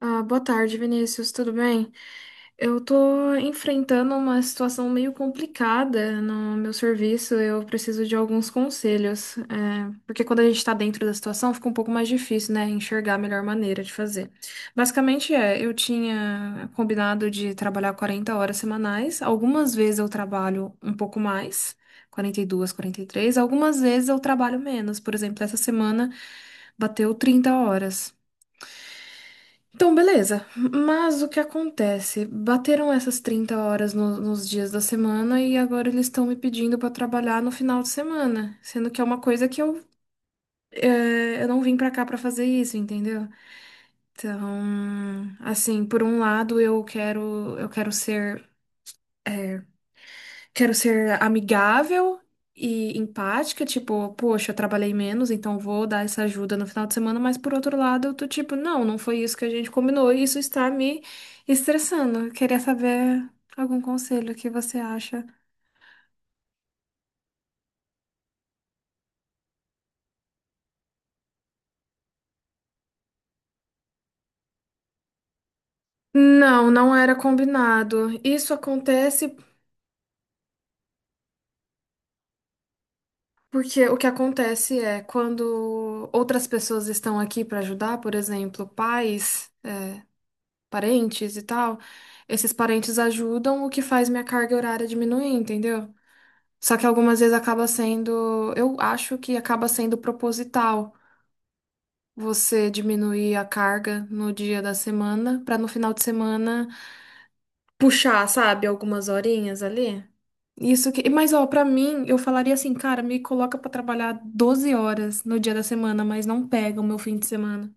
Ah, boa tarde, Vinícius, tudo bem? Eu tô enfrentando uma situação meio complicada no meu serviço, eu preciso de alguns conselhos, porque quando a gente tá dentro da situação fica um pouco mais difícil, né, enxergar a melhor maneira de fazer. Basicamente eu tinha combinado de trabalhar 40 horas semanais, algumas vezes eu trabalho um pouco mais, 42, 43, algumas vezes eu trabalho menos, por exemplo, essa semana bateu 30 horas. Então, beleza. Mas o que acontece? Bateram essas 30 horas nos dias da semana e agora eles estão me pedindo para trabalhar no final de semana, sendo que é uma coisa que eu não vim para cá para fazer isso, entendeu? Então, assim, por um lado eu quero ser amigável e empática, tipo, poxa, eu trabalhei menos, então vou dar essa ajuda no final de semana, mas por outro lado, eu tô tipo, não, não foi isso que a gente combinou, e isso está me estressando. Eu queria saber algum conselho que você acha. Não, não era combinado. Isso acontece porque o que acontece é quando outras pessoas estão aqui para ajudar, por exemplo, pais. Parentes e tal, esses parentes ajudam, o que faz minha carga horária diminuir, entendeu? Só que algumas vezes acaba sendo, eu acho que acaba sendo proposital você diminuir a carga no dia da semana pra no final de semana puxar, sabe, algumas horinhas ali. Isso que, mas ó, pra mim, eu falaria assim, cara, me coloca pra trabalhar 12 horas no dia da semana, mas não pega o meu fim de semana.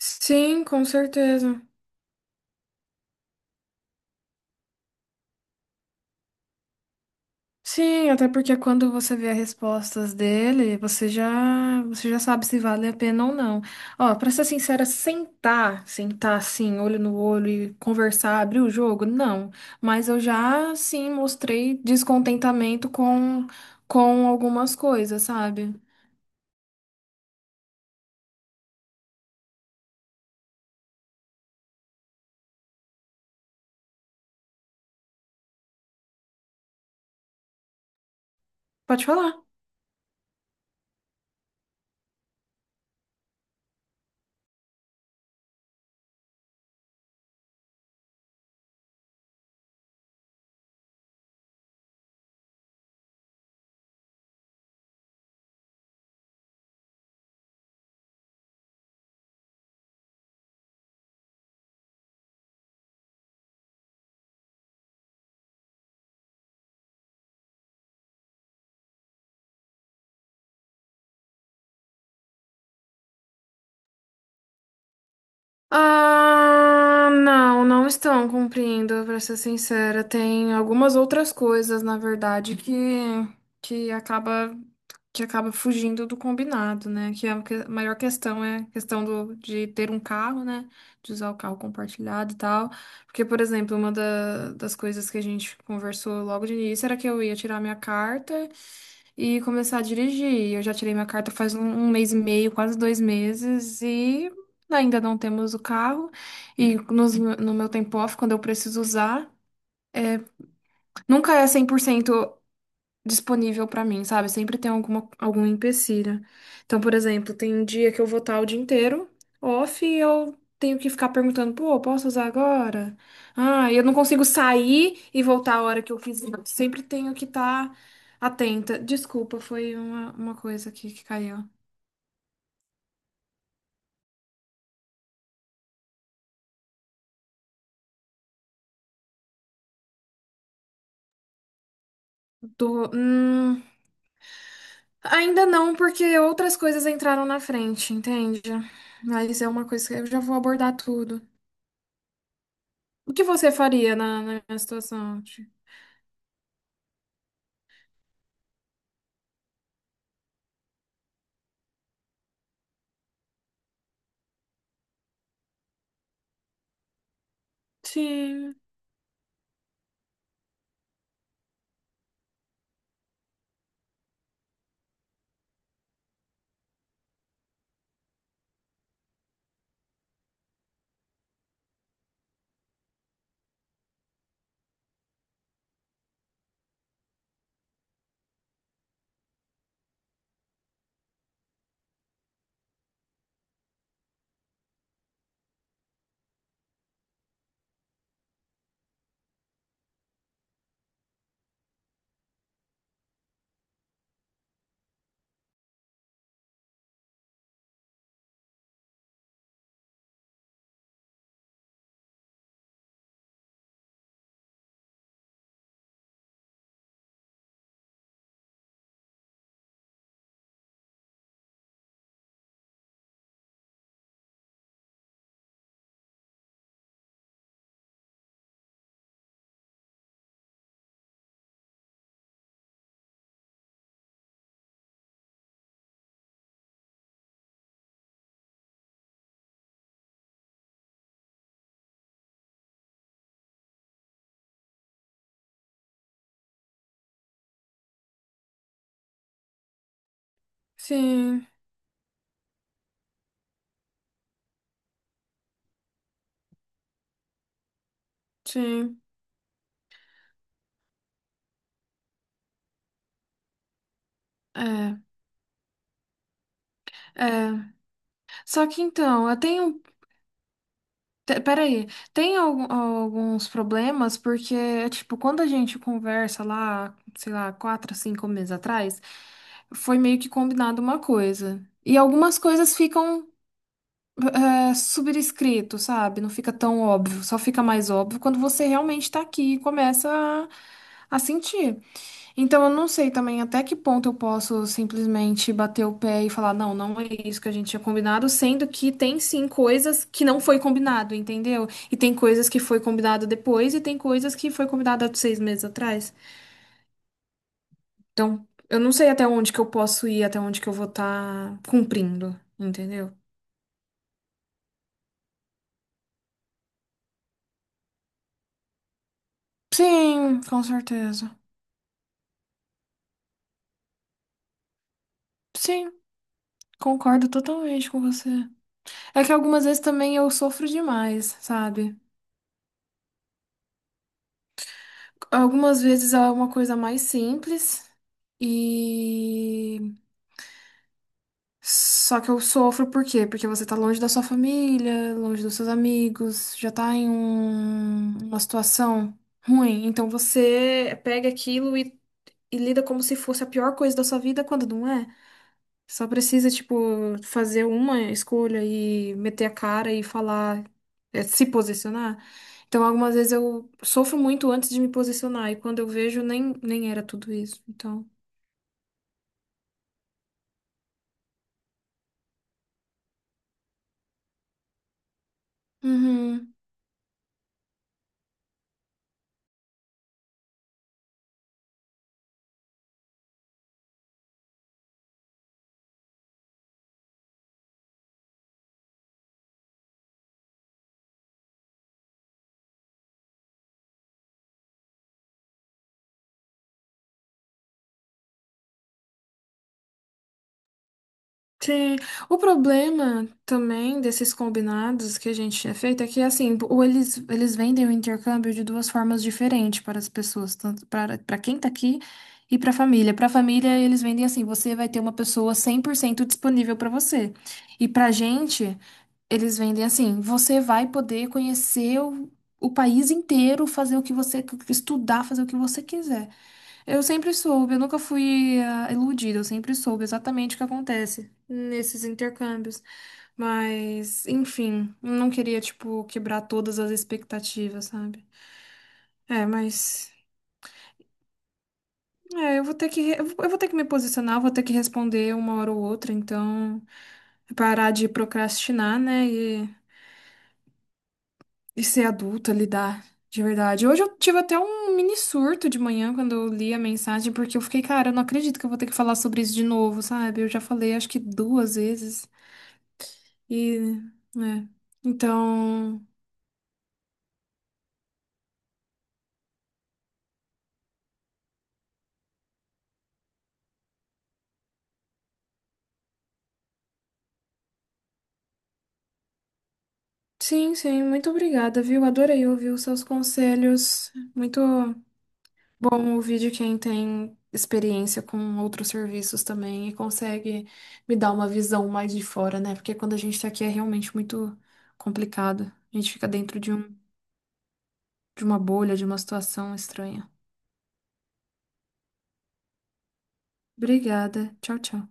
Sim, com certeza. Sim, até porque quando você vê as respostas dele, você já sabe se vale a pena ou não. Ó, pra ser sincera, sentar assim, olho no olho e conversar, abrir o jogo, não. Mas eu já, sim, mostrei descontentamento com algumas coisas, sabe? Pode falar. Ah, não, não estão cumprindo, pra ser sincera. Tem algumas outras coisas, na verdade, que acaba que acaba fugindo do combinado, né? A maior questão é a questão do, de ter um carro, né? De usar o carro compartilhado e tal. Porque, por exemplo, das coisas que a gente conversou logo de início era que eu ia tirar minha carta e começar a dirigir. Eu já tirei minha carta faz um mês e meio, quase dois meses, e ainda não temos o carro. E no meu tempo off, quando eu preciso usar, nunca é 100% disponível pra mim, sabe? Sempre tem algum empecilho. Então, por exemplo, tem um dia que eu vou estar o dia inteiro off e eu tenho que ficar perguntando, pô, posso usar agora? Ah, e eu não consigo sair e voltar a hora que eu quiser. Sempre tenho que estar atenta. Desculpa, foi uma coisa aqui que caiu. Tô, hum, ainda não, porque outras coisas entraram na frente, entende? Mas é uma coisa que eu já vou abordar tudo. O que você faria na minha situação? Sim. Sim, sim. É, é. Só que então, eu tenho. Peraí, tem alguns problemas, porque, é, tipo, quando a gente conversa lá, sei lá, quatro, cinco meses atrás, foi meio que combinado uma coisa. E algumas coisas ficam subscrito, sabe? Não fica tão óbvio, só fica mais óbvio quando você realmente tá aqui e começa a sentir. Então, eu não sei também até que ponto eu posso simplesmente bater o pé e falar, não, não é isso que a gente tinha combinado, sendo que tem sim coisas que não foi combinado, entendeu? E tem coisas que foi combinado depois e tem coisas que foi combinado há seis meses atrás. Então, eu não sei até onde que eu posso ir, até onde que eu vou estar cumprindo, entendeu? Sim, com certeza. Sim, concordo totalmente com você. É que algumas vezes também eu sofro demais, sabe? Algumas vezes é uma coisa mais simples e só que eu sofro por quê? Porque você tá longe da sua família, longe dos seus amigos, já tá em uma situação ruim. Então você pega aquilo e lida como se fosse a pior coisa da sua vida quando não é. Só precisa, tipo, fazer uma escolha e meter a cara e falar, se posicionar. Então, algumas vezes eu sofro muito antes de me posicionar, e quando eu vejo, nem era tudo isso. Então. Uhum. Sim, o problema também desses combinados que a gente tinha feito é que, assim, eles vendem o intercâmbio de duas formas diferentes para as pessoas, tanto para quem tá aqui e para a família. Para a família, eles vendem assim, você vai ter uma pessoa 100% disponível para você. E para a gente, eles vendem assim, você vai poder conhecer o país inteiro, fazer o que você estudar, fazer o que você quiser. Eu sempre soube, eu nunca fui iludida, eu sempre soube exatamente o que acontece nesses intercâmbios. Mas, enfim, não queria, tipo, quebrar todas as expectativas, sabe? É, mas. É, eu vou ter que, re- eu vou ter que me posicionar, vou ter que responder uma hora ou outra, então é parar de procrastinar, né? E ser adulta, lidar, de verdade. Hoje eu tive até um mini surto de manhã quando eu li a mensagem, porque eu fiquei, cara, eu não acredito que eu vou ter que falar sobre isso de novo, sabe? Eu já falei acho que duas vezes. E, né? Então, sim, sim, muito obrigada, viu? Adorei ouvir os seus conselhos. Muito bom ouvir de quem tem experiência com outros serviços também e consegue me dar uma visão mais de fora, né? Porque quando a gente tá aqui é realmente muito complicado. A gente fica dentro de de uma bolha, de uma situação estranha. Obrigada. Tchau, tchau.